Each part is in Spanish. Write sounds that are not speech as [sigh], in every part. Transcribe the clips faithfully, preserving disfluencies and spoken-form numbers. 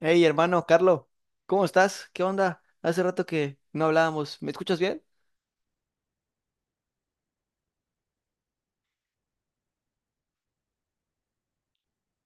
Hey, hermano, Carlos, ¿cómo estás? ¿Qué onda? Hace rato que no hablábamos. ¿Me escuchas bien?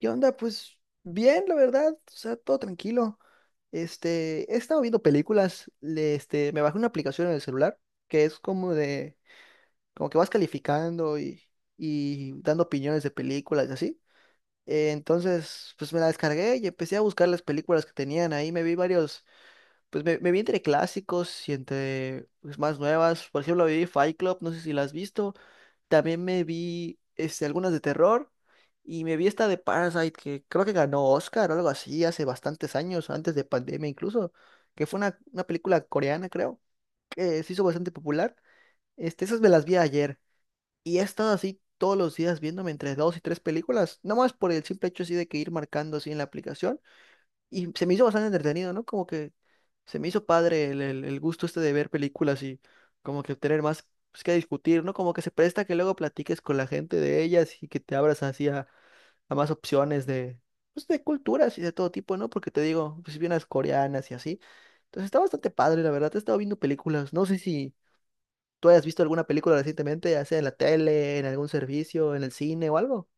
¿Qué onda? Pues bien, la verdad, o sea, todo tranquilo. Este, he estado viendo películas, le- este, me bajé una aplicación en el celular que es como de, como que vas calificando y, y dando opiniones de películas y así. Eh, entonces, pues me la descargué y empecé a buscar las películas que tenían ahí, me vi varios, pues me, me vi entre clásicos y entre pues, más nuevas. Por ejemplo, vi Fight Club, no sé si la has visto. También me vi este, algunas de terror y me vi esta de Parasite que creo que ganó Oscar o algo así hace bastantes años, antes de pandemia incluso, que fue una, una película coreana, creo, que se hizo bastante popular. Este, esas me las vi ayer y he estado así todos los días viéndome entre dos y tres películas, nomás por el simple hecho así de que ir marcando así en la aplicación y se me hizo bastante entretenido, ¿no? Como que se me hizo padre el, el- el gusto este de ver películas y como que tener más pues, que discutir, ¿no? Como que se presta que luego platiques con la gente de ellas y que te abras así a, a más opciones de, pues, de culturas y de todo tipo, ¿no? Porque te digo, pues vi unas coreanas y así. Entonces está bastante padre, la verdad. He estado viendo películas. No sé si tú hayas visto alguna película recientemente, ya sea en la tele, en algún servicio, en el cine o algo.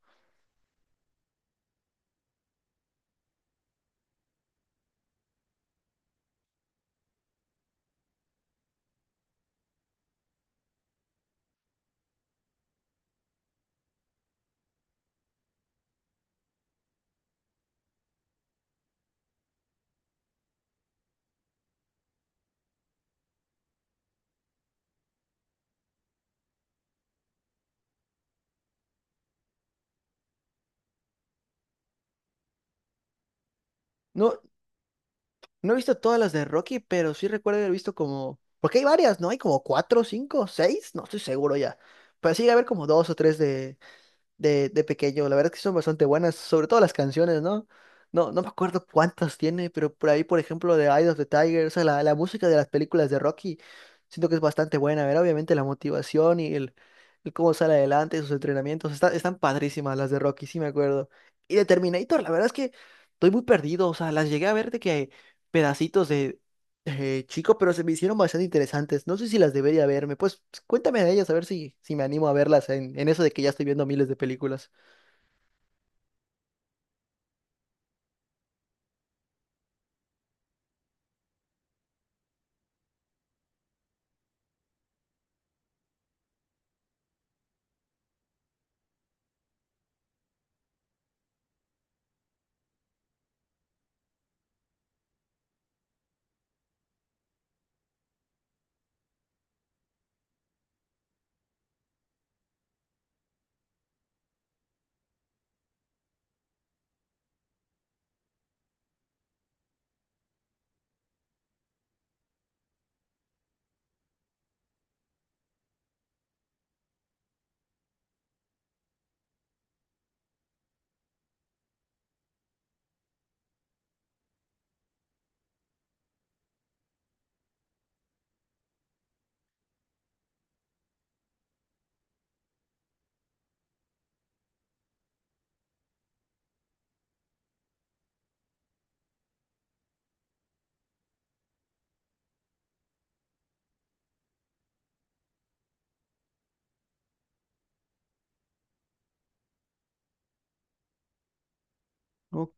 No, no he visto todas las de Rocky, pero sí recuerdo haber visto como... Porque hay varias, ¿no? Hay como cuatro, cinco, seis, no estoy seguro ya. Pero sí, a haber como dos o tres de de, de pequeño. La verdad es que son bastante buenas, sobre todo las canciones, ¿no? No, no me acuerdo cuántas tiene, pero por ahí, por ejemplo, de Eye of the Tiger, o sea, la, la música de las películas de Rocky, siento que es bastante buena. A ver, obviamente la motivación y el, el cómo sale adelante, sus entrenamientos, está- están padrísimas las de Rocky, sí me acuerdo. Y de Terminator, la verdad es que estoy muy perdido, o sea, las llegué a ver de que pedacitos eh, chico, pero se me hicieron bastante interesantes. No sé si las debería verme. Pues cuéntame de ellas, a ver si, si me animo a verlas en, en eso de que ya estoy viendo miles de películas. Ok,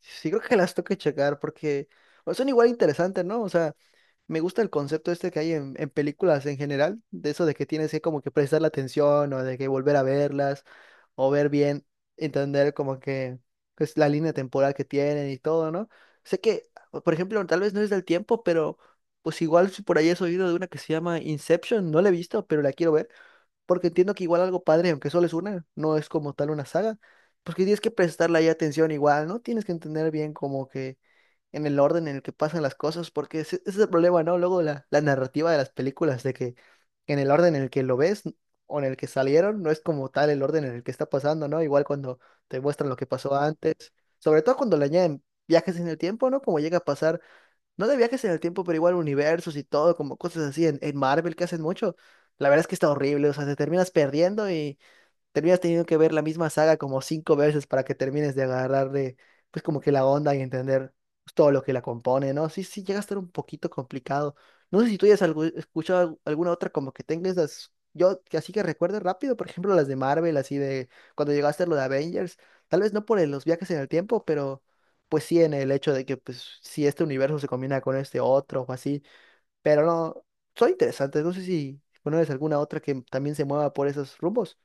sí creo que las tengo que checar porque o sea, son igual interesantes, ¿no? O sea, me gusta el concepto este que hay en, en películas en general, de eso de que tienes que como que prestar la atención o de que volver a verlas o ver bien, entender como que pues, la línea temporal que tienen y todo, ¿no? Sé que, por ejemplo, tal vez no es del tiempo, pero pues igual si por ahí has oído de una que se llama Inception, no la he visto, pero la quiero ver, porque entiendo que igual algo padre, aunque solo es una, no es como tal una saga, porque tienes que prestarle ahí atención igual, ¿no? Tienes que entender bien como que en el orden en el que pasan las cosas, porque ese, ese es el problema, ¿no? Luego la, la narrativa de las películas, de que en el orden en el que lo ves o en el que salieron, no es como tal el orden en el que está pasando, ¿no? Igual cuando te muestran lo que pasó antes, sobre todo cuando le añaden viajes en el tiempo, ¿no? Como llega a pasar, no de viajes en el tiempo, pero igual universos y todo, como cosas así en, en Marvel que hacen mucho. La verdad es que está horrible, o sea, te terminas perdiendo, terminas teniendo que ver la misma saga como cinco veces para que termines de agarrarle, pues como que la onda y entender pues, todo lo que la compone, ¿no? Sí, sí, llega a estar un poquito complicado. No sé si tú ya has algu- escuchado algu- alguna otra como que tengas las... Yo que así que recuerde rápido, por ejemplo, las de Marvel, así de cuando llegaste a lo de Avengers, tal vez no por el- los viajes en el tiempo, pero pues sí en el hecho de que pues si este universo se combina con este otro o así, pero no, son interesantes, no sé si conoces alguna otra que también se mueva por esos rumbos.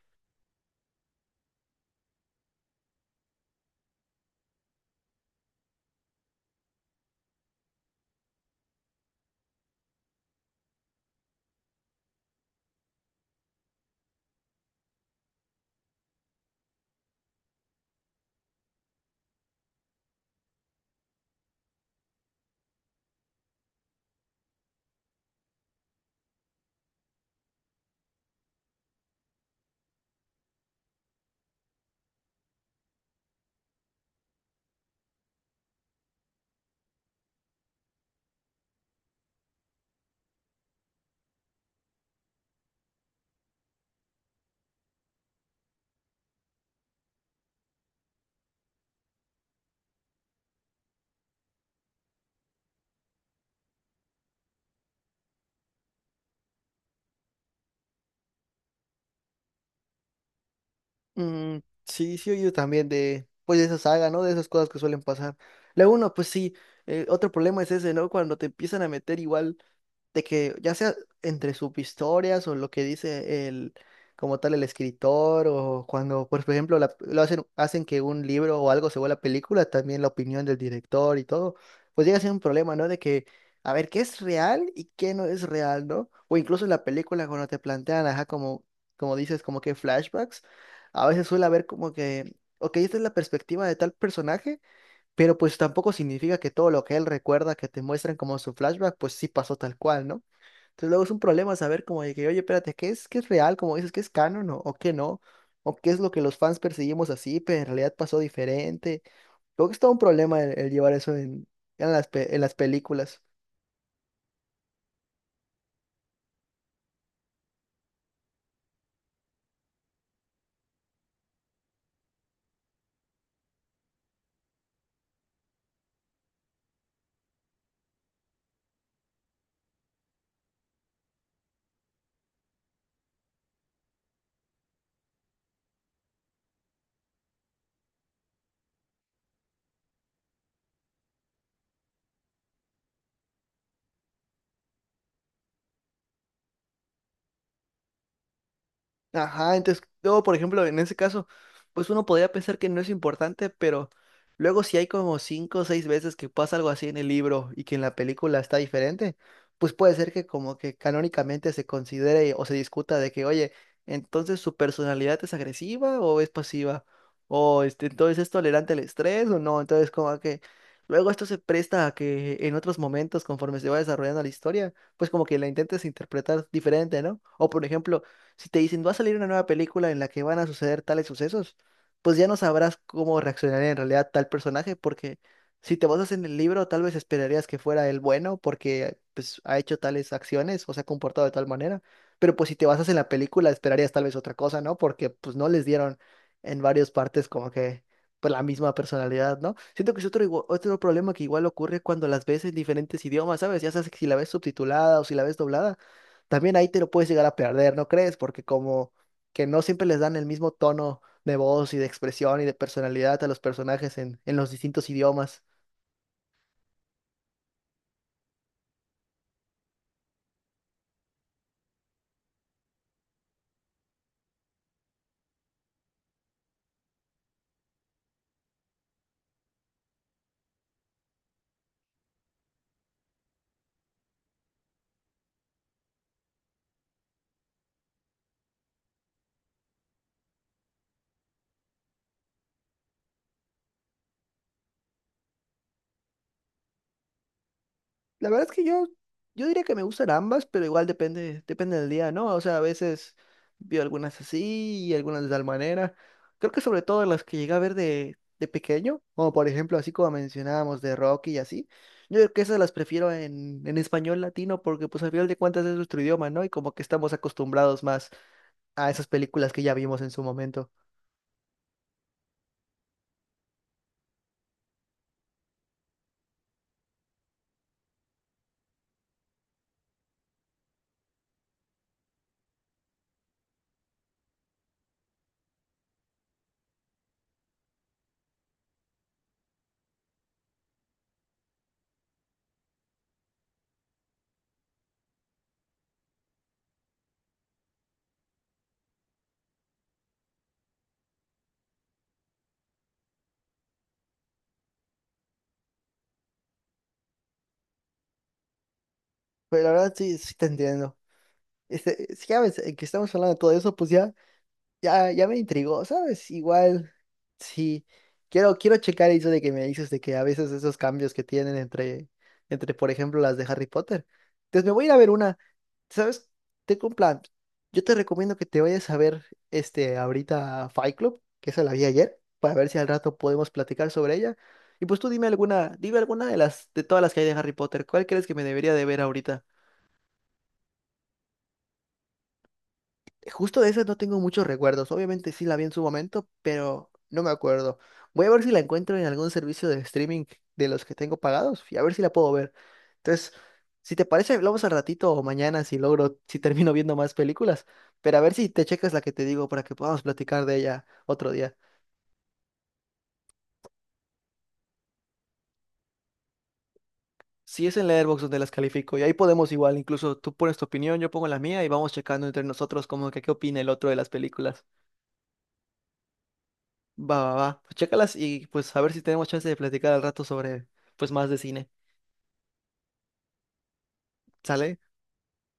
Mm, sí, sí, yo también de, pues de esa saga, ¿no? De esas cosas que suelen pasar. La uno, pues sí, eh, otro problema es ese, ¿no? Cuando te empiezan a meter igual de que ya sea entre sus historias o lo que dice el, como tal el escritor o cuando, pues, por ejemplo, la- lo hacen, hacen que un libro o algo se vuelva película, también la opinión del director y todo, pues llega a ser un problema, ¿no? De que, a ver, ¿qué es real y qué no es real?, ¿no? O incluso en la película cuando te plantean, ajá, como, como dices, como que flashbacks, a veces suele haber como que... Ok, esta es la perspectiva de tal personaje, pero pues tampoco significa que todo lo que él recuerda que te muestran como su flashback, pues sí pasó tal cual, ¿no? Entonces luego es un problema saber como de que, oye, espérate, ¿qué es, ¿qué es real? Como dices, ¿qué es canon o, o qué no? ¿O qué es lo que los fans perseguimos así, pero en realidad pasó diferente? Creo que es todo un problema el, el llevar eso en, en las, pe- en las películas. Ajá, entonces, luego, por ejemplo, en ese caso, pues uno podría pensar que no es importante, pero luego si hay como cinco o seis veces que pasa algo así en el libro y que en la película está diferente, pues puede ser que como que canónicamente se considere o se discuta de que, oye, entonces su personalidad es agresiva o es pasiva, o este, entonces es tolerante al estrés o no, entonces como que luego esto se presta a que en otros momentos, conforme se va desarrollando la historia, pues como que la intentes interpretar diferente, ¿no? O por ejemplo, si te dicen, va a salir una nueva película en la que van a suceder tales sucesos, pues ya no sabrás cómo reaccionar en realidad tal personaje, porque si te basas en el libro, tal vez esperarías que fuera el bueno, porque pues ha hecho tales acciones o se ha comportado de tal manera. Pero pues si te basas en la película, esperarías tal vez otra cosa, ¿no? Porque pues no les dieron en varias partes como que pues la misma personalidad, ¿no? Siento que es otro, igua- otro problema que igual ocurre cuando las ves en diferentes idiomas, ¿sabes? Ya sabes que si la ves subtitulada o si la ves doblada también ahí te lo puedes llegar a perder, ¿no crees? Porque como que no siempre les dan el mismo tono de voz y de expresión y de personalidad a los personajes en, en los distintos idiomas. La verdad es que yo, yo diría que me gustan ambas, pero igual depende, depende del día, ¿no? O sea, a veces veo algunas así y algunas de tal manera. Creo que sobre todo las que llegué a ver de, de pequeño, como por ejemplo así como mencionábamos de Rocky y así. Yo creo que esas las prefiero en, en español latino porque pues al final de cuentas es nuestro idioma, ¿no? Y como que estamos acostumbrados más a esas películas que ya vimos en su momento. Pero la verdad sí, sí te entiendo. Este, si ya ves eh, que estamos hablando de todo eso, pues ya ya, ya me intrigó, ¿sabes? Igual, sí. Quiero, quiero checar eso de que me dices de que a veces esos cambios que tienen entre, entre, por ejemplo, las de Harry Potter. Entonces me voy a ir a ver una. ¿Sabes? Tengo un plan. Yo te recomiendo que te vayas a ver este ahorita a Fight Club, que esa la vi ayer, para ver si al rato podemos platicar sobre ella. Y pues tú dime alguna, dime alguna de las, de todas las que hay de Harry Potter. ¿Cuál crees que me debería de ver ahorita? Justo de esas no tengo muchos recuerdos. Obviamente sí la vi en su momento, pero no me acuerdo. Voy a ver si la encuentro en algún servicio de streaming de los que tengo pagados y a ver si la puedo ver. Entonces, si te parece, hablamos al ratito o mañana si logro, [laughs] si termino viendo más películas. Pero a ver si te checas la que te digo para que podamos platicar de ella otro día. Si es en Letterboxd donde las califico y ahí podemos igual, incluso tú pones tu opinión, yo pongo la mía y vamos checando entre nosotros como que qué opina el otro de las películas. Va, va, va. Pues chécalas y pues a ver si tenemos chance de platicar al rato sobre pues más de cine. ¿Sale?